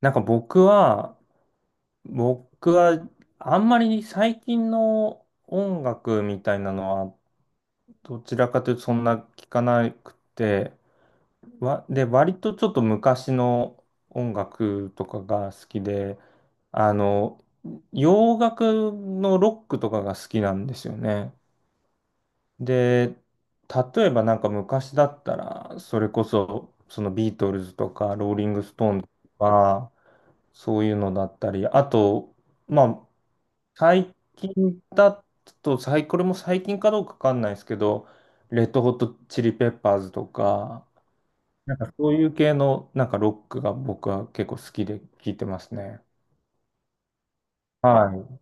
なんか僕はあんまり最近の音楽みたいなのはどちらかというとそんな聞かなくて、割とちょっと昔の音楽とかが好きで、あの、洋楽のロックとかが好きなんですよね。で、例えばなんか昔だったら、それこそそのビートルズとかローリングストーンズとか、そういうのだったり、あと、まあ、最近だと、最これも最近かどうかわかんないですけど、レッドホットチリペッパーズとか、なんかそういう系のなんかロックが僕は結構好きで聴いてますね。はい。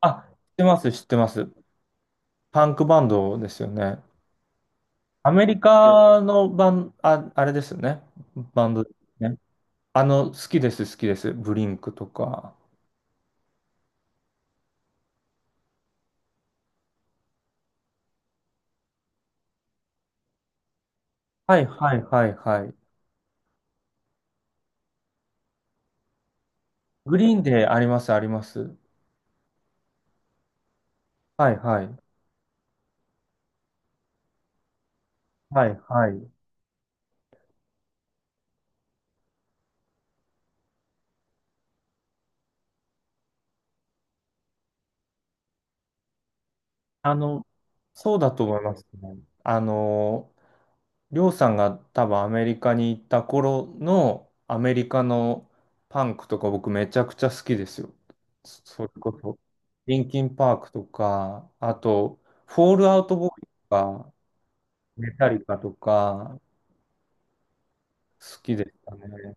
あ、知ってます、知ってます。パンクバンドですよね。アメリカのバン、あ、あれですよね。バンドですね。好きです、好きです。ブリンクとか。はい、はい、はい、はい。グリーンであります、あります。はいはい。はいはい。あの、そうだと思いますね。あの、りょうさんが多分アメリカに行った頃のアメリカのパンクとか僕めちゃくちゃ好きですよ。そそれこそ。リンキンパークとか、あと、フォールアウトボーイとか、メタリカとか、好きでしたね。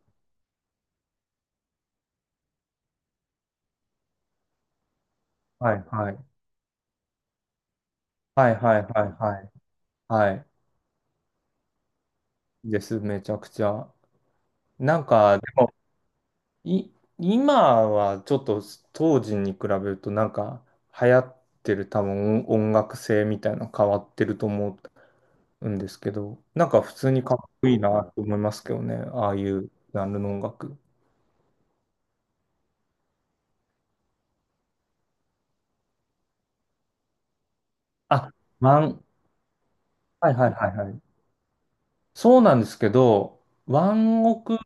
はいはい。はいはいはいはい。はい。です、めちゃくちゃ。なんか、でい、今はちょっと当時に比べるとなんか流行ってる多分音楽性みたいなの変わってると思うんですけど、なんか普通にかっこいいなと思いますけどね、ああいうジャンルの音楽。あ、ワン、はいはいはいはい。そうなんですけど、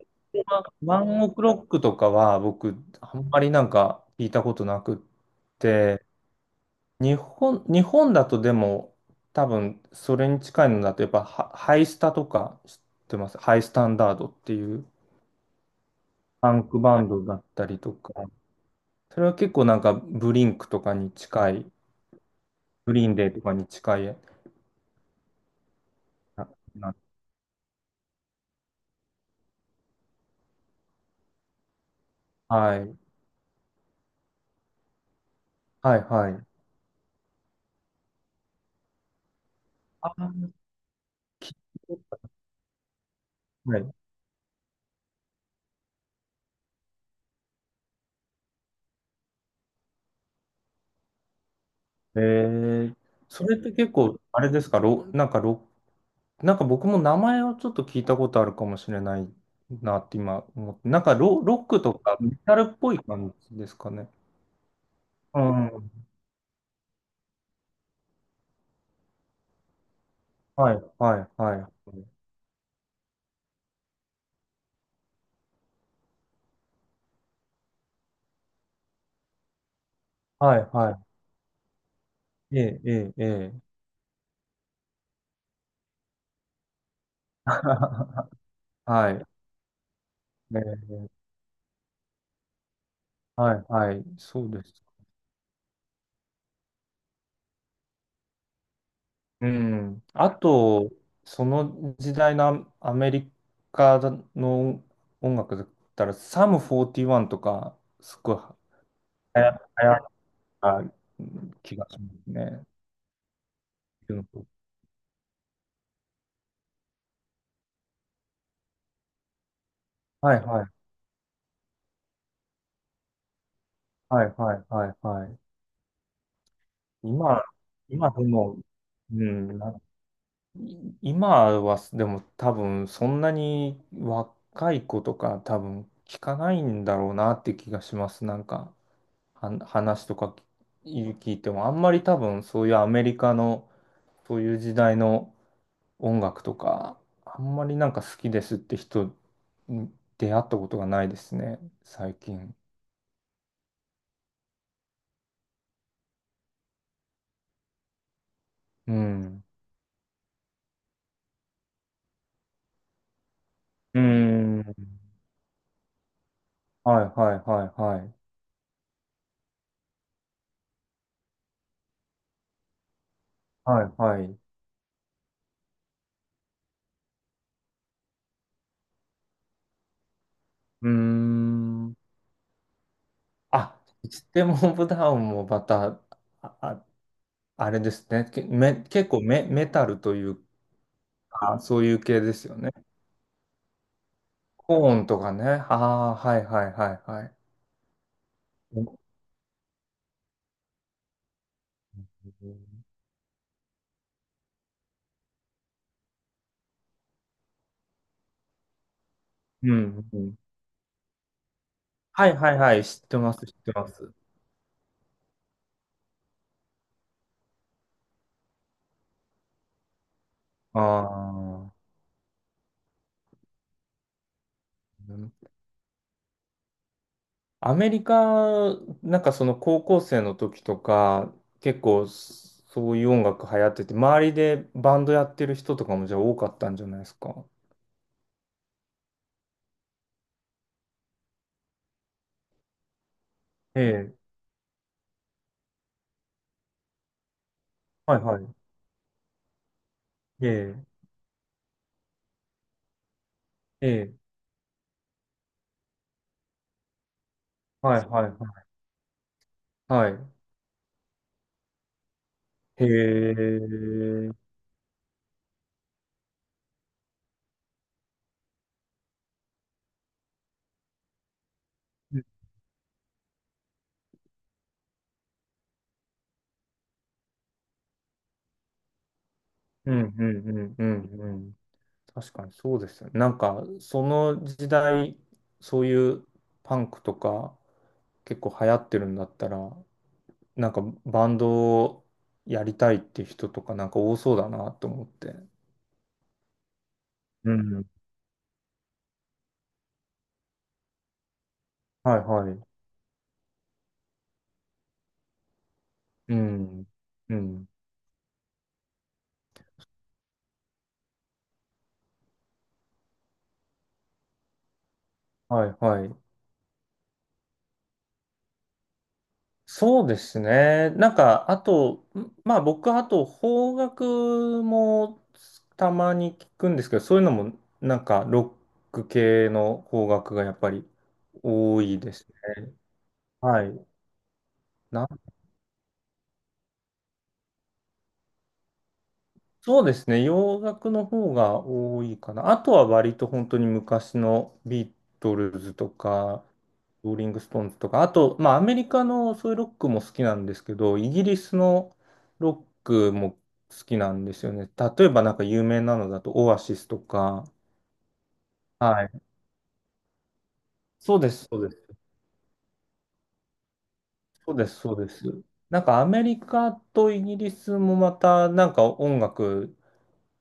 ワンオクロックとかは僕あんまりなんか聞いたことなくって、日本だとでも、多分それに近いのだと、やっぱハイスタとか知ってます。ハイスタンダードっていうパンクバンドだったりとか、それは結構なんかブリンクとかに近い、グリーンデーとかに近いな、なはい、はい、はい。あー、きはい。えー、それって結構、あれですか、ロ、なんかロなんか僕も名前をちょっと聞いたことあるかもしれないなって今思って、ロックとかメタルっぽい感じですかね。うん。はい、はい、はい。はい、はい。ええ、ええ、ええ。はい。ええ、はい、はい。そうです。うん。あと、その時代のアメリカの音楽だったら、サム41とか、すごい流行った気がしますね。はい、はい。はいはいはいはい。今、今でも、うん、ない今はでも多分そんなに若い子とか多分聞かないんだろうなって気がします。なんか話とか聞いてもあんまり多分そういうアメリカのそういう時代の音楽とかあんまりなんか好きですって人に出会ったことがないですね、最近。うん。うん。はいはいはいはい。はい、はい。うーん。あ、いつでブダウンもまた、あ、ああれですね。結構メタルというか、そういう系ですよね。コーンとかね。ああ、はいはいはいはい。うん、うん。はいはいはい。知ってます、知ってます。ああ。アメリカ、なんかその高校生の時とか、結構そういう音楽流行ってて、周りでバンドやってる人とかもじゃあ多かったんじゃないですか。ええ、はいはい。ええ、ええ、はいはいはい。はい。へえ。うんうんうんうんうん。確かにそうですよね。なんか、その時代、そういうパンクとか結構流行ってるんだったら、なんかバンドをやりたいって人とかなんか多そうだなと思って。うん。はいはい。うん。うん。はいはい。そうですね。なんか、あと、んまあ僕、あと、邦楽もたまに聞くんですけど、そういうのも、なんか、ロック系の邦楽がやっぱり多いですね。はい。そうですね。洋楽の方が多いかな。あとは割と本当に昔のビートルズとか、ローリングストーンズとか、あと、まあアメリカのそういうロックも好きなんですけど、イギリスのロックも好きなんですよね。例えばなんか有名なのだとオアシスとか。はい。そうです、そうです。そうです、そうです。なんかアメリカとイギリスもまたなんか音楽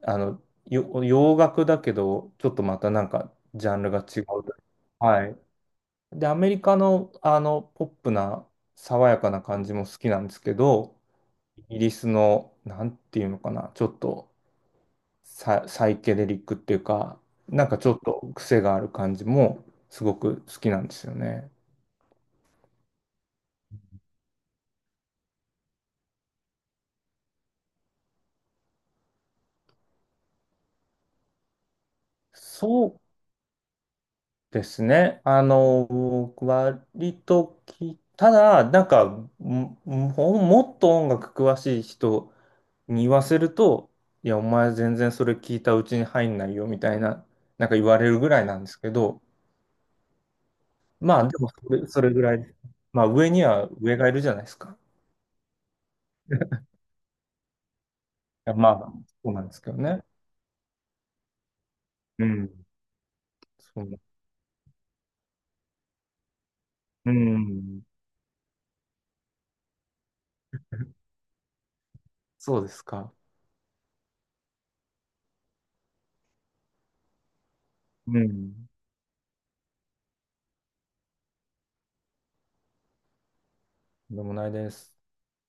あの、よ洋楽だけど、ちょっとまたなんか、ジャンルが違う。はい。で、アメリカの、あの、ポップな、爽やかな感じも好きなんですけど、イギリスの、なんていうのかな、ちょっとサイケデリックっていうか、なんかちょっと癖がある感じも、すごく好きなんですよね。そうですね。あの、割とき、ただ、なんか、も、ももっと音楽詳しい人に言わせると、いや、お前全然それ聞いたうちに入んないよ、みたいな、なんか言われるぐらいなんですけど、まあ、でもそれ、それぐらい、まあ、上には上がいるじゃないですか。いや、まあ、そうなんですけどね。うん。そう、うん。そうですか。うん。でもないです。